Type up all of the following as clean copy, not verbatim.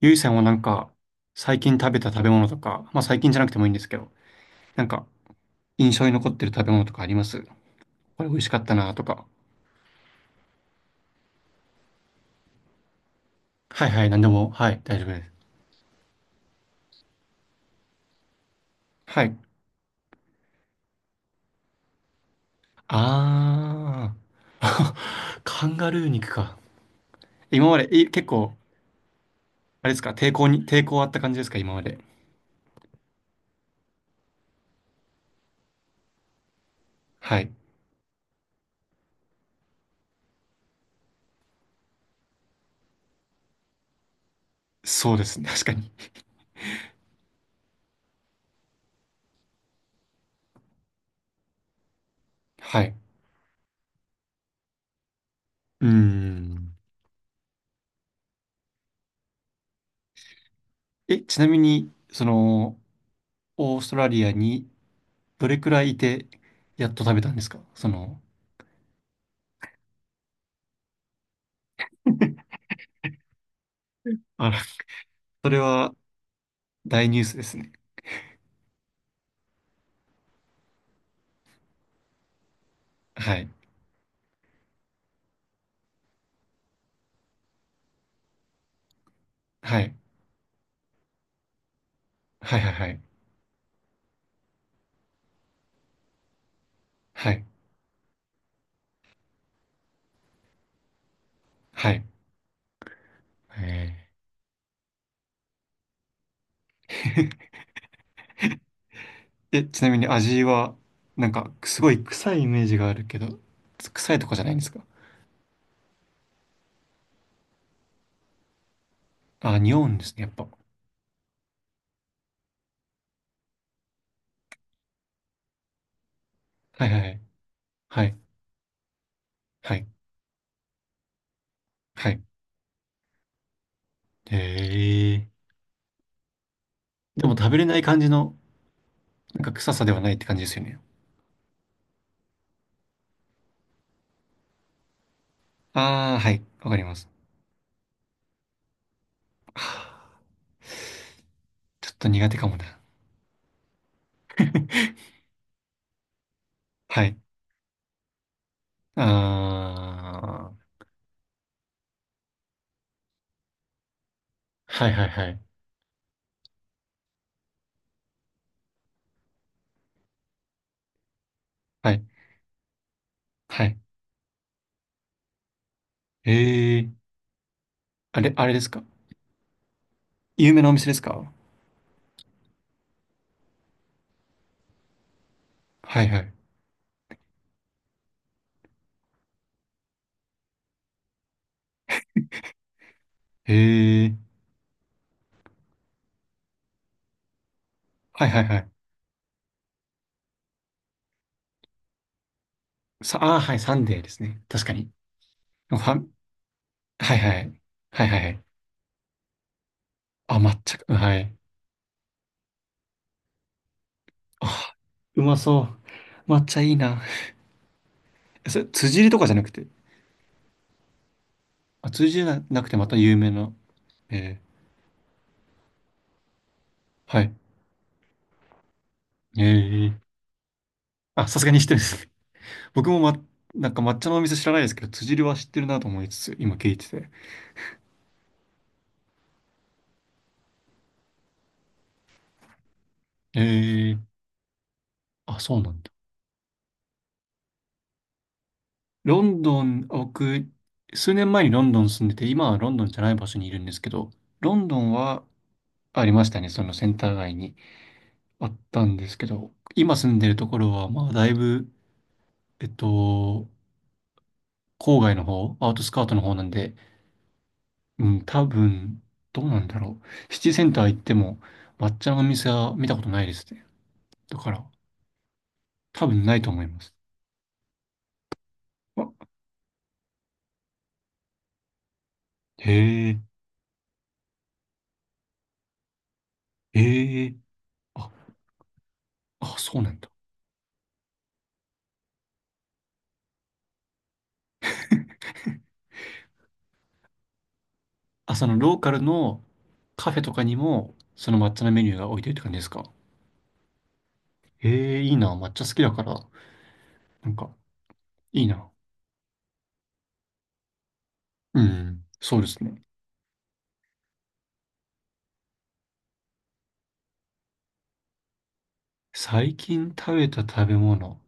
ゆいさんはなんか、最近食べた食べ物とか、まあ最近じゃなくてもいいんですけど、なんか、印象に残ってる食べ物とかあります？これ美味しかったなとか。はいはい、なんでも、はい、大丈夫です。はい。あー。カンガルー肉か。今まで、結構、あれですか、抵抗あった感じですか、今まで？はい。そうですね、確かに。はい。うーん。ちなみに、オーストラリアにどれくらいいて、やっと食べたんですかあら、それは大ニュースですね。はい。はい。はいはいはい。はい。はい。えー ちなみに味は、なんか、すごい臭いイメージがあるけど、臭いとかじゃないんですか？あ、匂うんですね、やっぱ。はいはいはい。はい。はい。はい。へえ。でも食べれない感じの、なんか臭さではないって感じですよね。ああ、はい。わかります。はあ、ちょっと苦手かもな。はい。ああ。はいはいはい。はい。はい。ええ。あれですか？有名なお店ですか？はいはい。へえ。はいはいはい。ああ、はい、サンデーですね。確かに。ファン、はいはい。はいはいはい。あ、抹茶か、はい。あ、うまそう。抹茶いいな。え、それ、辻入りとかじゃなくて？あ、辻入りじゃなくてまた有名な。えはい。ええ。あ、さすがに知ってるんですね。僕もなんか抹茶のお店知らないですけど、辻入りは知ってるなと思いつつ、今聞いてて。ええ。あ、そうなんだ。ロンドン、僕、数年前にロンドン住んでて、今はロンドンじゃない場所にいるんですけど、ロンドンはありましたね、そのセンター街にあったんですけど、今住んでるところは、まあ、だいぶ、えっと、郊外の方、アウトスカートの方なんで、うん、多分、どうなんだろう。シティセンター行っても、抹茶のお店は見たことないですね。だから、多分ないと思います。あ、へえ、へえ、あ、あ、そうなんだ。あ、そのローカルのカフェとかにも、その抹茶のメニューが置いてるって感じですか？ええー、いいな。抹茶好きだから、なんか、いいな。うん、そうですね。最近食べた食べ物。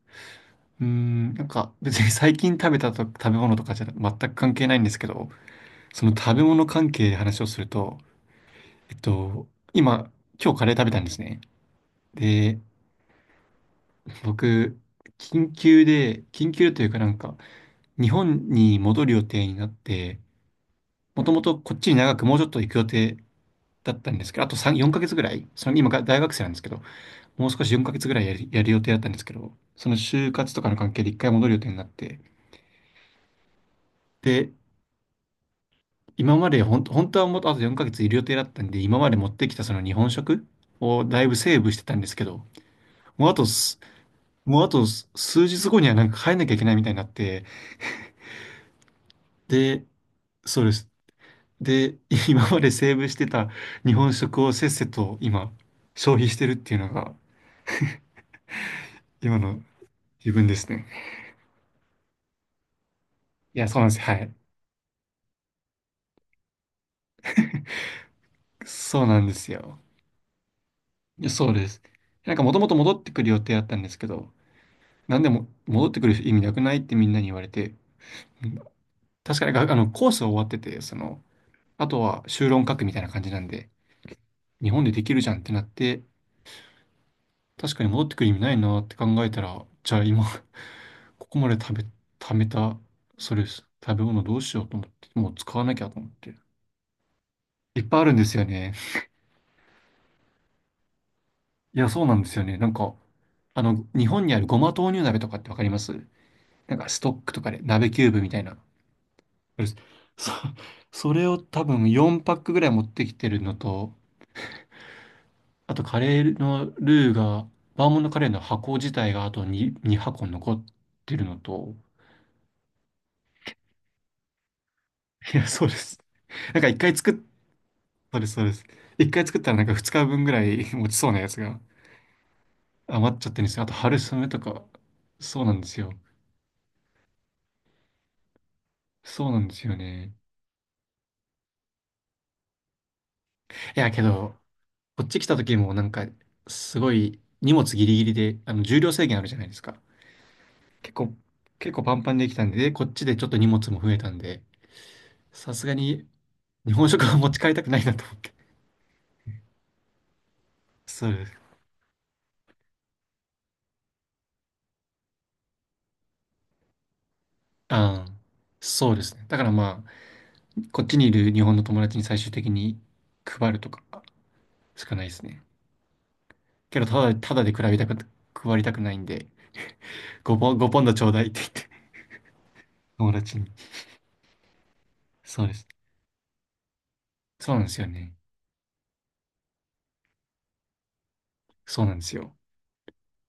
うーん、なんか、別に 最近食べた食べ物とかじゃ全く関係ないんですけど、その食べ物関係で話をすると、えっと、今、今日カレー食べたんですね。で、僕、緊急というかなんか、日本に戻る予定になって、もともとこっちに長くもうちょっと行く予定だったんですけど、あと3、4ヶ月ぐらい、その今が大学生なんですけど、もう少し4ヶ月ぐらいやる予定だったんですけど、その就活とかの関係で一回戻る予定になって、で、今まで本当はもっとあと4ヶ月いる予定だったんで、今まで持ってきたその日本食をだいぶセーブしてたんですけど、もうあと数日後にはなんか帰んなきゃいけないみたいになって、で、そうです。で、今までセーブしてた日本食をせっせと今、消費してるっていうのが、今の自分ですね。いや、そうなんです。はい。そうなんですよ。いやそうです。なんかもともと戻ってくる予定だったんですけど、なんでも戻ってくる意味なくないってみんなに言われて、うん、確かにあのコースは終わってて、あとは修論書くみたいな感じなんで、日本でできるじゃんってなって、確かに戻ってくる意味ないなって考えたら、じゃあ今 ここまで貯めた、それです。食べ物どうしようと思って、もう使わなきゃと思って。いっぱいあるんですよね。いや、そうなんですよね。なんか、日本にあるごま豆乳鍋とかってわかります？なんかストックとかで鍋キューブみたいな。うるすそれ、そそれを多分4パックぐらい持ってきてるのと、あとカレーのルーが、バーモントカレーの箱自体があと2、2箱残ってるのと、いや、そうです。なんか1回作っ、そうです、そうです。1回作ったらなんか2日分ぐらい 持ちそうなやつが余っちゃってるんですよ。あと春雨とか、そうなんですよ。そうなんですよね。いや、けど、こっち来た時もなんか、すごい荷物ギリギリで、重量制限あるじゃないですか？結構、結構パンパンにできたんで、でこっちでちょっと荷物も増えたんで、さすがに日本食は持ち帰りたくないなと思って。そうです。ああ、そうですね。だからまあ、こっちにいる日本の友達に最終的に配るとかしかないですね。けど、ただで比べたく、配りたくないんで、5ポン、5ポンドちょうだいって言って、友達に。そうです。そうなんですよね。そうなんですよ。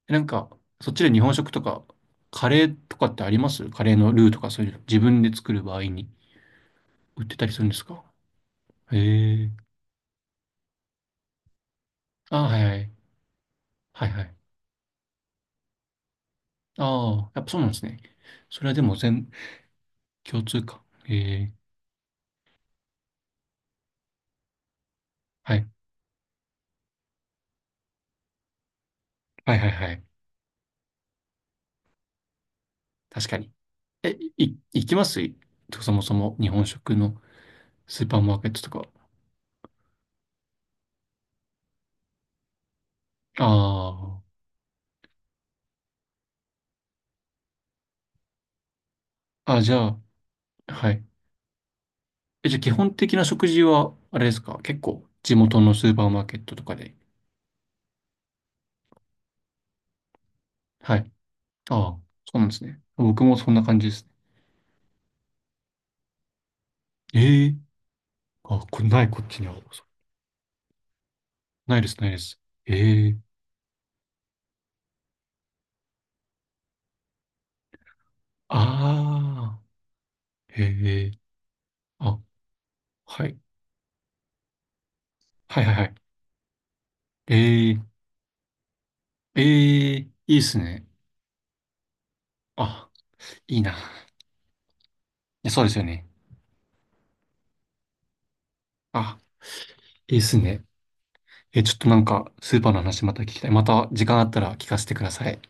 なんか、そっちで日本食とか、カレーとかってあります？カレーのルーとかそういうの、自分で作る場合に売ってたりするんですか？へえ。ああ、はいはい。はいはい。ああ、やっぱそうなんですね。それはでも共通か。へえ。はい。はいはいはい。確かに。行きます？そもそも日本食のスーパーマーケットとか？ああ。あ、じゃあ、はい。じゃあ基本的な食事は、あれですか、結構、地元のスーパーマーケットとかで。はい。ああ、そうなんですね。僕もそんな感じですね。ええ、あ、これない、こっちにある。ないです、ないです。ええ、ああ、ええ、あ、はい。はいはいはい。ええええ、いいっすね。あ、いいな。いや、そうですよね。あ、いいっすね。ちょっとなんか、スーパーの話また聞きたい。また時間あったら聞かせてください。